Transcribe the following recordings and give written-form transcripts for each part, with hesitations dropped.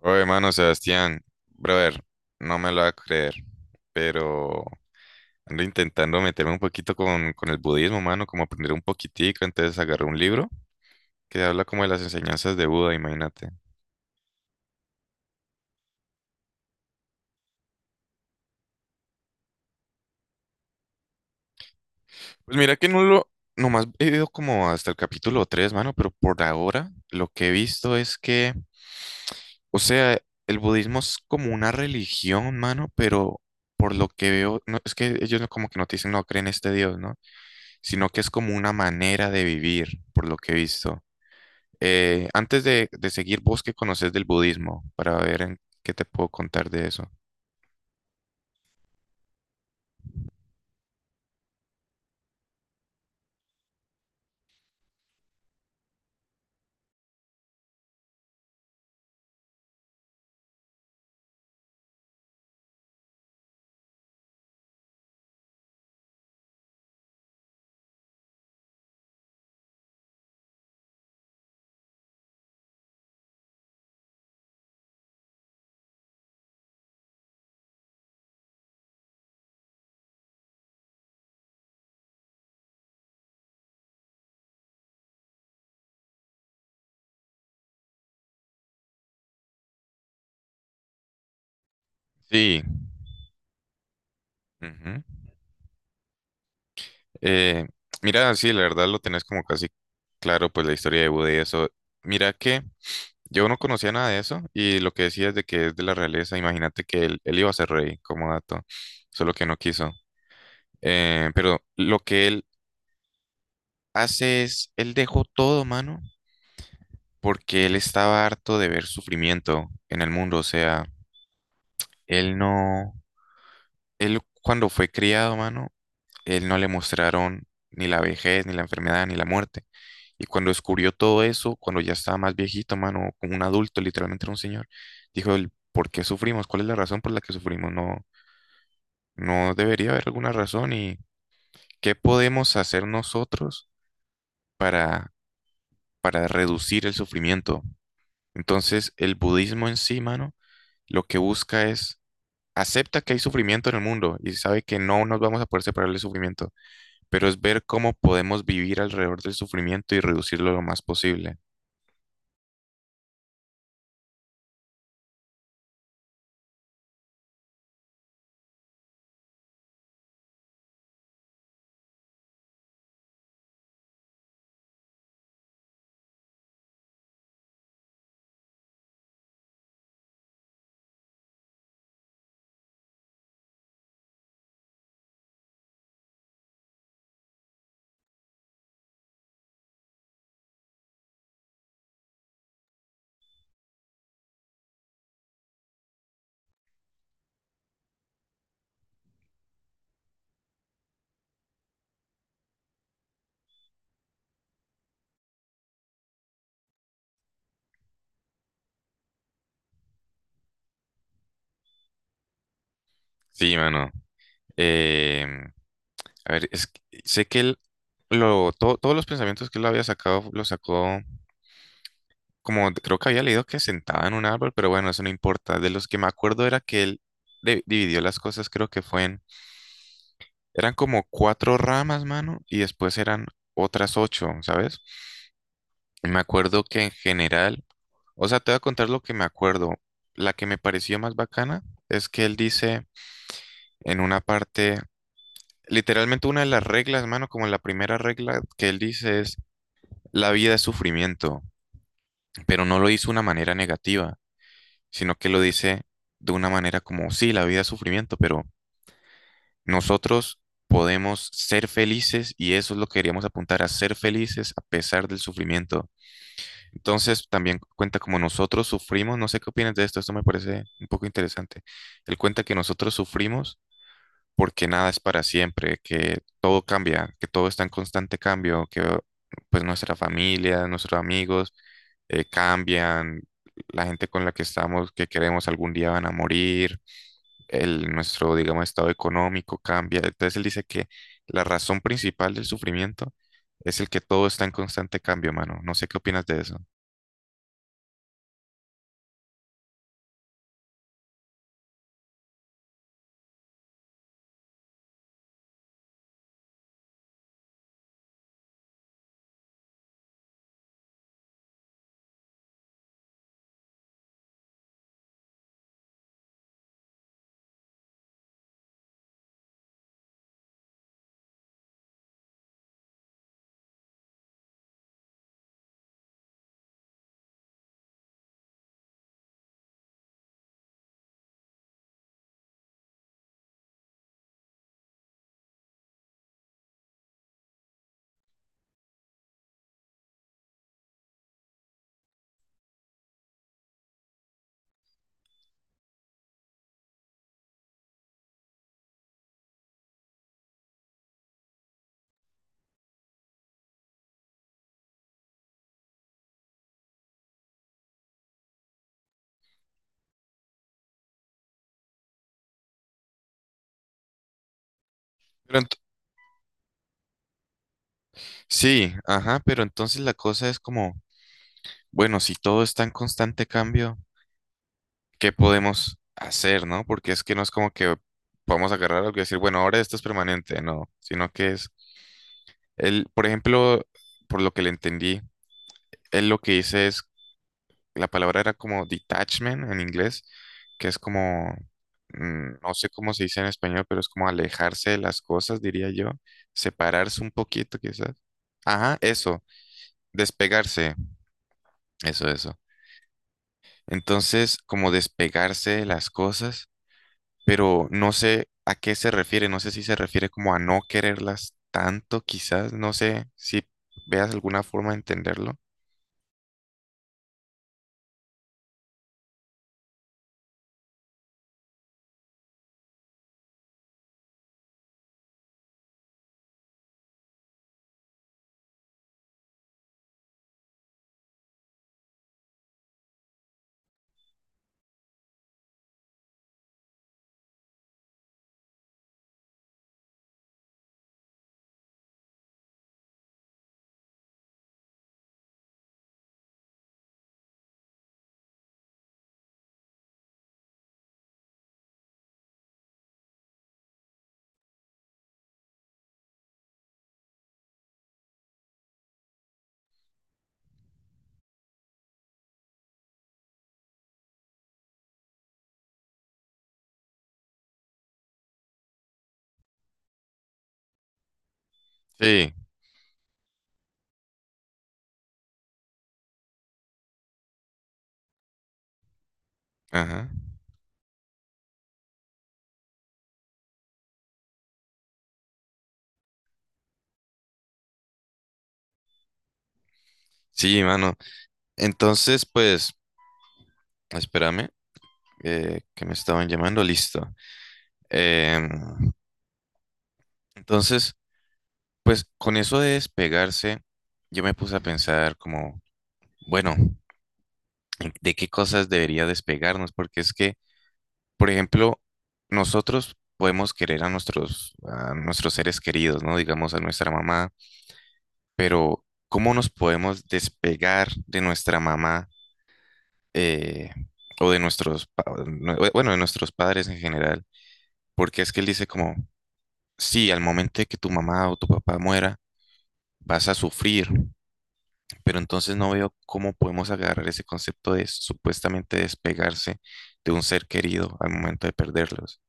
Oye, mano, Sebastián, brother, no me lo va a creer, pero ando intentando meterme un poquito con el budismo, mano, como aprender un poquitico, entonces agarré un libro que habla como de las enseñanzas de Buda, imagínate. Pues mira que no lo, nomás he ido como hasta el capítulo 3 mano, pero por ahora lo que he visto es que, o sea, el budismo es como una religión, mano, pero por lo que veo, no, es que ellos como que no te dicen, no creen en este Dios, ¿no? Sino que es como una manera de vivir, por lo que he visto. Antes de seguir, ¿vos qué conoces del budismo? Para ver en qué te puedo contar de eso. Sí. Ujú. Eh, Mira, sí, la verdad lo tenés como casi claro, pues la historia de Buda y eso. Mira que yo no conocía nada de eso y lo que decías de que es de la realeza, imagínate que él iba a ser rey como dato, solo que no quiso. Pero lo que él hace es, él dejó todo, mano, porque él estaba harto de ver sufrimiento en el mundo, o sea, él no, él cuando fue criado, mano, él no le mostraron ni la vejez, ni la enfermedad, ni la muerte. Y cuando descubrió todo eso, cuando ya estaba más viejito, mano, como un adulto, literalmente era un señor, dijo, él, ¿por qué sufrimos? ¿Cuál es la razón por la que sufrimos? No, no debería haber alguna razón y ¿qué podemos hacer nosotros para, para reducir el sufrimiento? Entonces, el budismo en sí, mano, lo que busca es acepta que hay sufrimiento en el mundo y sabe que no nos vamos a poder separar del sufrimiento, pero es ver cómo podemos vivir alrededor del sufrimiento y reducirlo lo más posible. Sí, mano. Eh, a ver, sé que todos los pensamientos que él había sacado, los sacó como, creo que había leído que sentaba en un árbol, pero bueno, eso no importa. De los que me acuerdo era que él dividió las cosas, creo que fue eran como cuatro ramas, mano, y después eran otras ocho, ¿sabes? Me acuerdo que en general... O sea, te voy a contar lo que me acuerdo. La que me pareció más bacana es que él dice en una parte, literalmente una de las reglas, mano, como la primera regla que él dice es, la vida es sufrimiento, pero no lo hizo de una manera negativa, sino que lo dice de una manera como, sí, la vida es sufrimiento, pero nosotros podemos ser felices y eso es lo que queríamos apuntar, a ser felices a pesar del sufrimiento. Entonces también cuenta como nosotros sufrimos, no sé qué opinas de esto, esto me parece un poco interesante. Él cuenta que nosotros sufrimos porque nada es para siempre, que todo cambia, que todo está en constante cambio, que pues nuestra familia, nuestros amigos cambian, la gente con la que estamos, que queremos algún día van a morir, el, nuestro, digamos, estado económico cambia. Entonces él dice que la razón principal del sufrimiento es el que todo está en constante cambio, mano. No sé qué opinas de eso. Pero sí, ajá, pero entonces la cosa es como, bueno, si todo está en constante cambio, ¿qué podemos hacer, no? Porque es que no es como que vamos a agarrar algo y decir, bueno, ahora esto es permanente, no, sino que es, él, por ejemplo, por lo que le entendí, él lo que dice es, la palabra era como detachment en inglés, que es como, no sé cómo se dice en español, pero es como alejarse de las cosas, diría yo, separarse un poquito quizás. Ajá, eso, despegarse, eso, eso. Entonces, como despegarse de las cosas, pero no sé a qué se refiere, no sé si se refiere como a no quererlas tanto, quizás, no sé si veas alguna forma de entenderlo. Sí, ajá. Sí, mano. Entonces, pues, espérame, que me estaban llamando, listo. Em, entonces, pues, con eso de despegarse, yo me puse a pensar como, bueno, ¿de qué cosas debería despegarnos? Porque es que por ejemplo, nosotros podemos querer a nuestros seres queridos, ¿no? Digamos a nuestra mamá, pero ¿cómo nos podemos despegar de nuestra mamá eh, o de nuestros, bueno, de nuestros padres en general? Porque es que él dice como, sí, al momento de que tu mamá o tu papá muera, vas a sufrir, pero entonces no veo cómo podemos agarrar ese concepto de supuestamente despegarse de un ser querido al momento de perderlos.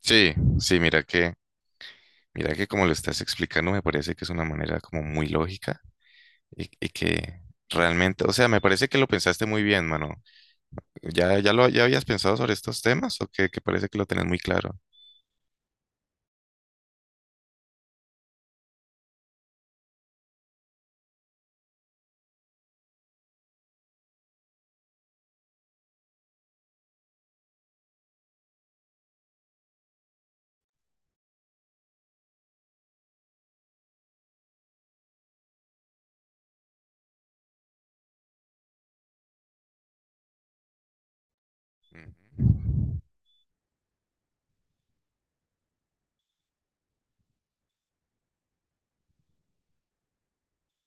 Sí, sí, mira que... Mira que como lo estás explicando, me parece que es una manera como muy lógica y que realmente, o sea, me parece que lo pensaste muy bien, mano. ¿Ya habías pensado sobre estos temas o que parece que lo tenés muy claro? Ujú.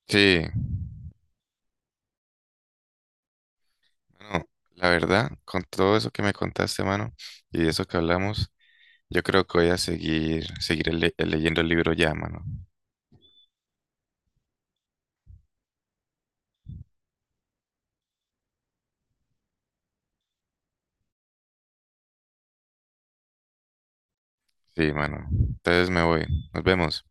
Sí, bueno, la verdad, con todo eso que me contaste, mano, y eso que hablamos, yo creo que voy a seguir leyendo el libro ya, mano. Sí, mano. Entonces me voy. Nos vemos.